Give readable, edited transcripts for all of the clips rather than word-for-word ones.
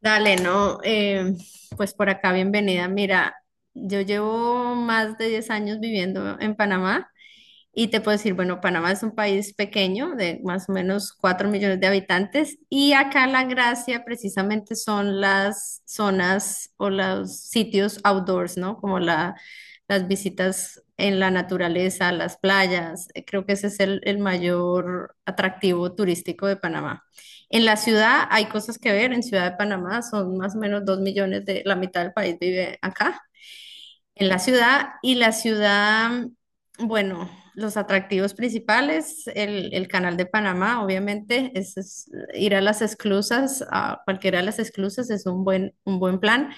Dale, no, pues por acá bienvenida. Mira, yo llevo más de 10 años viviendo en Panamá y te puedo decir, bueno, Panamá es un país pequeño de más o menos 4 millones de habitantes y acá la gracia precisamente son las zonas o los sitios outdoors, ¿no? Las visitas en la naturaleza, las playas. Creo que ese es el mayor atractivo turístico de Panamá. En la ciudad hay cosas que ver, en Ciudad de Panamá son más o menos 2 millones de, la mitad del país vive acá en la ciudad y bueno, los atractivos principales, el Canal de Panamá, obviamente, es ir a las esclusas, a cualquiera de las esclusas es un un buen plan.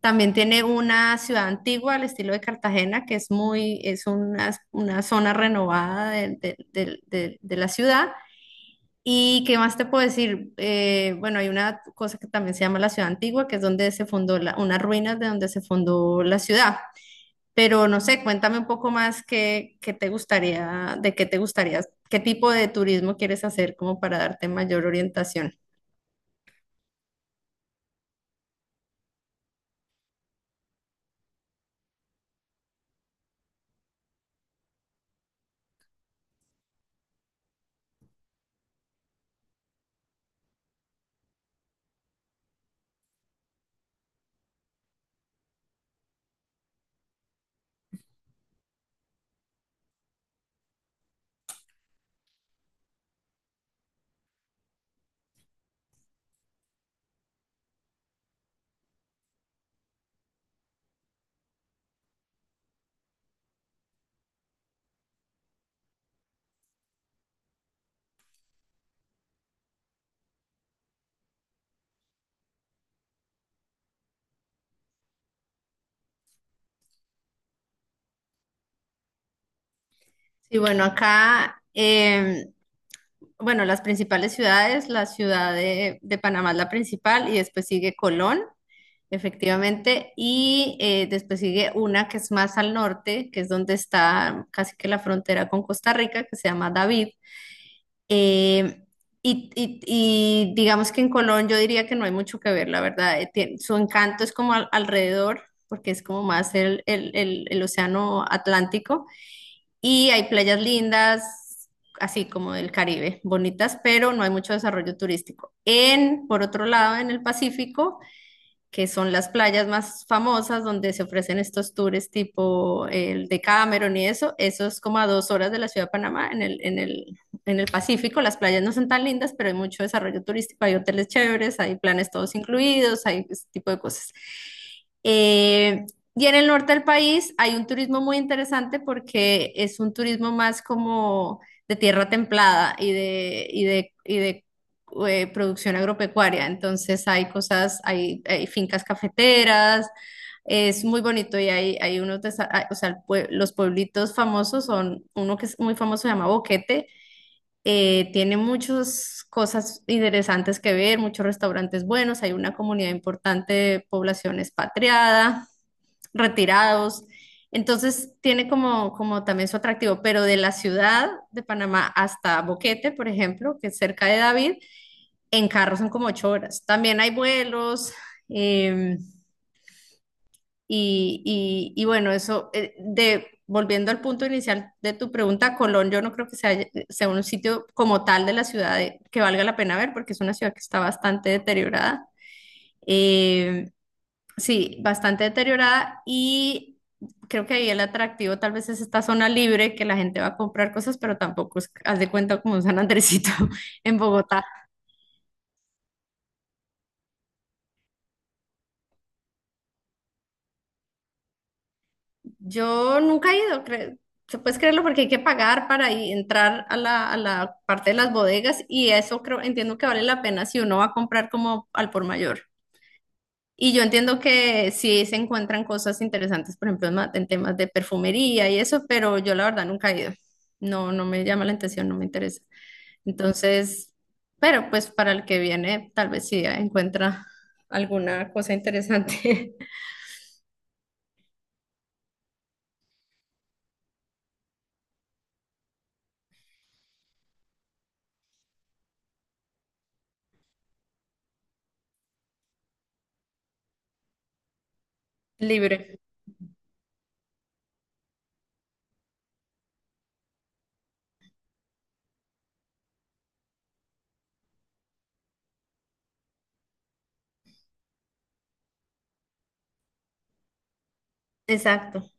También tiene una ciudad antigua al estilo de Cartagena, que es muy, es una zona renovada de la ciudad. ¿Y qué más te puedo decir? Bueno, hay una cosa que también se llama la ciudad antigua, que es donde se fundó la, unas ruinas de donde se fundó la ciudad. Pero no sé, cuéntame un poco más qué, qué te gustaría, de qué te gustaría, qué tipo de turismo quieres hacer como para darte mayor orientación. Sí, bueno, acá, bueno, las principales ciudades, la ciudad de Panamá es la principal y después sigue Colón, efectivamente, y después sigue una que es más al norte, que es donde está casi que la frontera con Costa Rica, que se llama David. Eh, y digamos que en Colón yo diría que no hay mucho que ver, la verdad. Su encanto es como alrededor, porque es como más el océano Atlántico. Y hay playas lindas, así como del Caribe, bonitas, pero no hay mucho desarrollo turístico. Por otro lado, en el Pacífico que son las playas más famosas donde se ofrecen estos tours tipo el de Cameron y eso es como a 2 horas de la ciudad de Panamá, en el Pacífico, las playas no son tan lindas, pero hay mucho desarrollo turístico, hay hoteles chéveres, hay planes todos incluidos, hay ese tipo de cosas. Eh, y en el norte del país hay un turismo muy interesante porque es un turismo más como de tierra templada y de producción agropecuaria. Entonces hay cosas, hay fincas cafeteras, es muy bonito y hay unos, o sea, los pueblitos famosos son, uno que es muy famoso se llama Boquete, tiene muchas cosas interesantes que ver, muchos restaurantes buenos, hay una comunidad importante de población expatriada, retirados. Entonces tiene como, como también su atractivo, pero de la ciudad de Panamá hasta Boquete, por ejemplo, que es cerca de David, en carro son como 8 horas. También hay vuelos. em, y bueno, eso, volviendo al punto inicial de tu pregunta, Colón, yo no creo que sea un sitio como tal de la que valga la pena ver, porque es una ciudad que está bastante deteriorada. Em, sí, bastante deteriorada. Y creo que ahí el atractivo tal vez es esta zona libre que la gente va a comprar cosas, pero tampoco es, haz de cuenta como un San Andresito en Bogotá. Yo nunca he ido, se puedes creerlo porque hay que pagar para entrar a a la parte de las bodegas y eso creo, entiendo que vale la pena si uno va a comprar como al por mayor. Y yo entiendo que sí se encuentran cosas interesantes, por ejemplo, en temas de perfumería y eso, pero yo la verdad nunca he ido. No, no me llama la atención, no me interesa. Entonces, pero pues para el que viene, tal vez sí encuentra alguna cosa interesante libre. Exacto.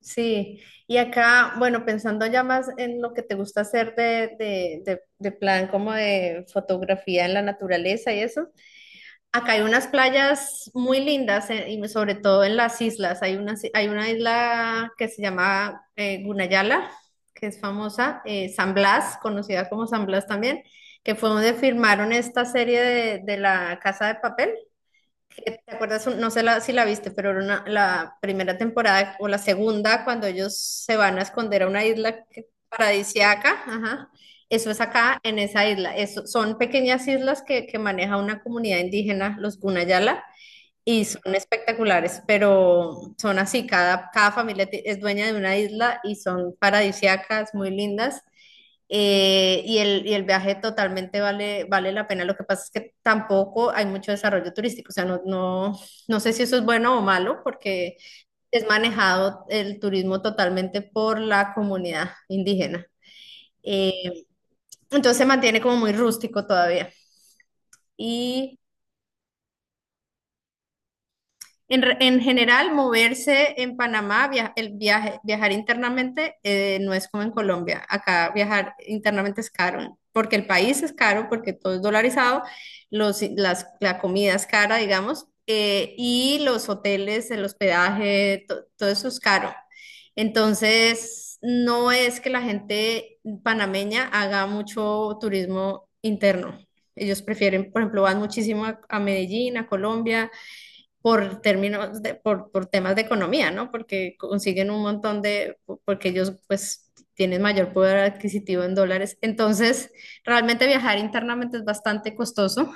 Sí, y acá, bueno, pensando ya más en lo que te gusta hacer de plan como de fotografía en la naturaleza y eso, acá hay unas playas muy lindas, y sobre todo en las islas. Hay una isla que se llama Gunayala, que es famosa, San Blas, conocida como San Blas también, que fue donde filmaron esta serie de La Casa de Papel. ¿Te acuerdas? No sé si la viste, pero era la primera temporada o la segunda, cuando ellos se van a esconder a una paradisíaca, ajá. Eso es acá, en esa isla. Eso, son pequeñas islas que maneja una comunidad indígena, los Gunayala, y son espectaculares, pero son así, cada familia es dueña de una isla y son paradisíacas, muy lindas. Y el viaje totalmente vale la pena. Lo que pasa es que tampoco hay mucho desarrollo turístico. O sea, no sé si eso es bueno o malo, porque es manejado el turismo totalmente por la comunidad indígena. Eh, entonces se mantiene como muy rústico todavía. Y en general, moverse en Panamá, viajar internamente no es como en Colombia. Acá viajar internamente es caro, porque el país es caro, porque todo es dolarizado, la comida es cara, digamos, y los hoteles, el hospedaje, todo eso es caro. Entonces, no es que la gente panameña haga mucho turismo interno. Ellos prefieren, por ejemplo, van muchísimo a Medellín, a Colombia por temas de economía, ¿no? Porque consiguen un montón de, porque ellos pues tienen mayor poder adquisitivo en dólares. Entonces, realmente viajar internamente es bastante costoso.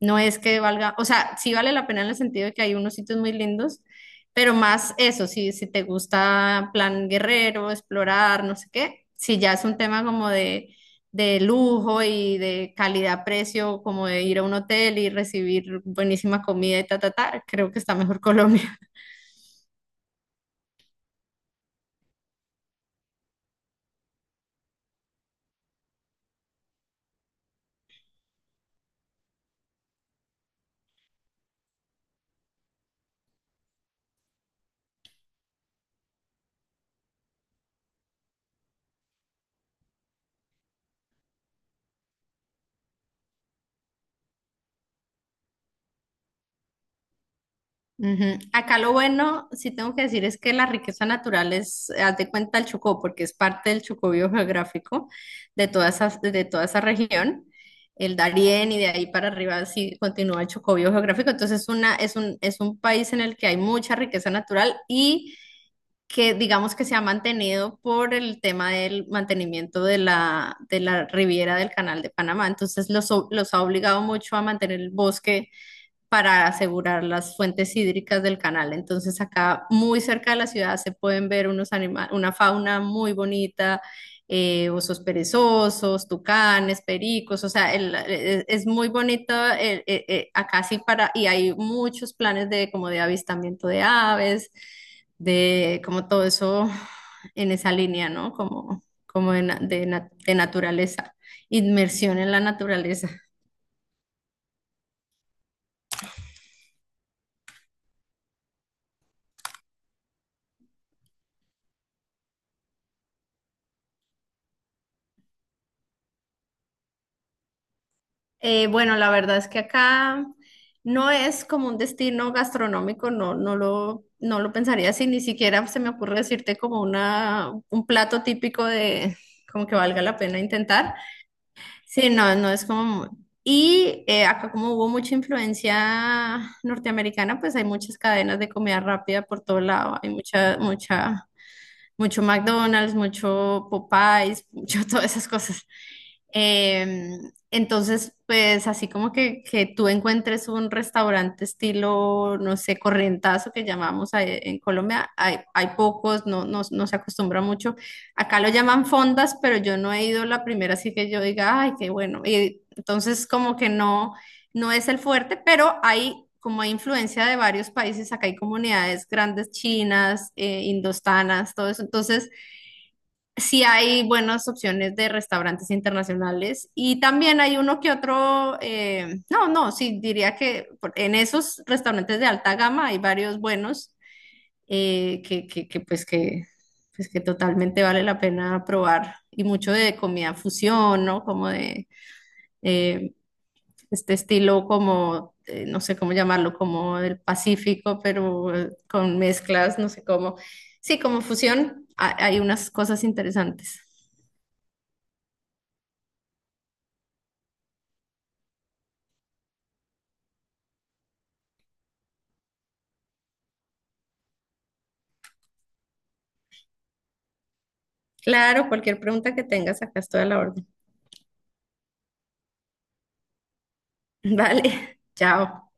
No es que valga, o sea, sí vale la pena en el sentido de que hay unos sitios muy lindos, pero más eso, si, si te gusta plan guerrero, explorar, no sé qué, si ya es un tema de lujo y de calidad-precio, como de ir a un hotel y recibir buenísima comida y ta, ta, ta, creo que está mejor Colombia. Ujú. Acá lo bueno, sí tengo que decir, es que la riqueza natural es, haz de cuenta el Chocó, porque es parte del Chocó biogeográfico de toda esa región, el Darién y de ahí para arriba sí continúa el Chocó biogeográfico. Entonces es una, es un país en el que hay mucha riqueza natural y que digamos que se ha mantenido por el tema del mantenimiento de de la riviera del Canal de Panamá. Entonces los ha obligado mucho a mantener el bosque para asegurar las fuentes hídricas del canal. Entonces acá muy cerca de la ciudad se pueden ver una fauna muy bonita, osos perezosos, tucanes, pericos, o sea, es muy bonito acá sí para, y hay muchos planes de como de avistamiento de aves, de como todo eso en esa línea, ¿no? Como de naturaleza, inmersión en la naturaleza. Bueno, la verdad es que acá no es como un destino gastronómico, no lo pensaría así, ni siquiera se me ocurre decirte como una, un plato típico de, como que valga la pena intentar. Sí, no, no es como... muy- Y acá como hubo mucha influencia norteamericana, pues hay muchas cadenas de comida rápida por todo lado, hay mucho McDonald's, mucho Popeyes, mucho todas esas cosas. Eh, entonces, pues así como que tú encuentres un restaurante estilo, no sé, corrientazo que llamamos ahí en Colombia, hay pocos, no se acostumbra mucho. Acá lo llaman fondas, pero yo no he ido la primera, así que yo diga, ay, qué bueno. Y entonces como que no, no es el fuerte, pero hay... Como hay influencia de varios países, acá hay comunidades grandes chinas, indostanas, todo eso. Entonces, sí hay buenas opciones de restaurantes internacionales y también hay uno que otro, no, no, sí, diría que en esos restaurantes de alta gama hay varios buenos eh, que, que, que, pues que, pues que totalmente vale la pena probar y mucho de comida fusión, ¿no? Como de eh, este estilo como no sé cómo llamarlo, como del Pacífico, pero con mezclas, no sé cómo, sí, como fusión, hay unas cosas interesantes. Claro, cualquier pregunta que tengas, acá estoy a la orden. Vale, chao.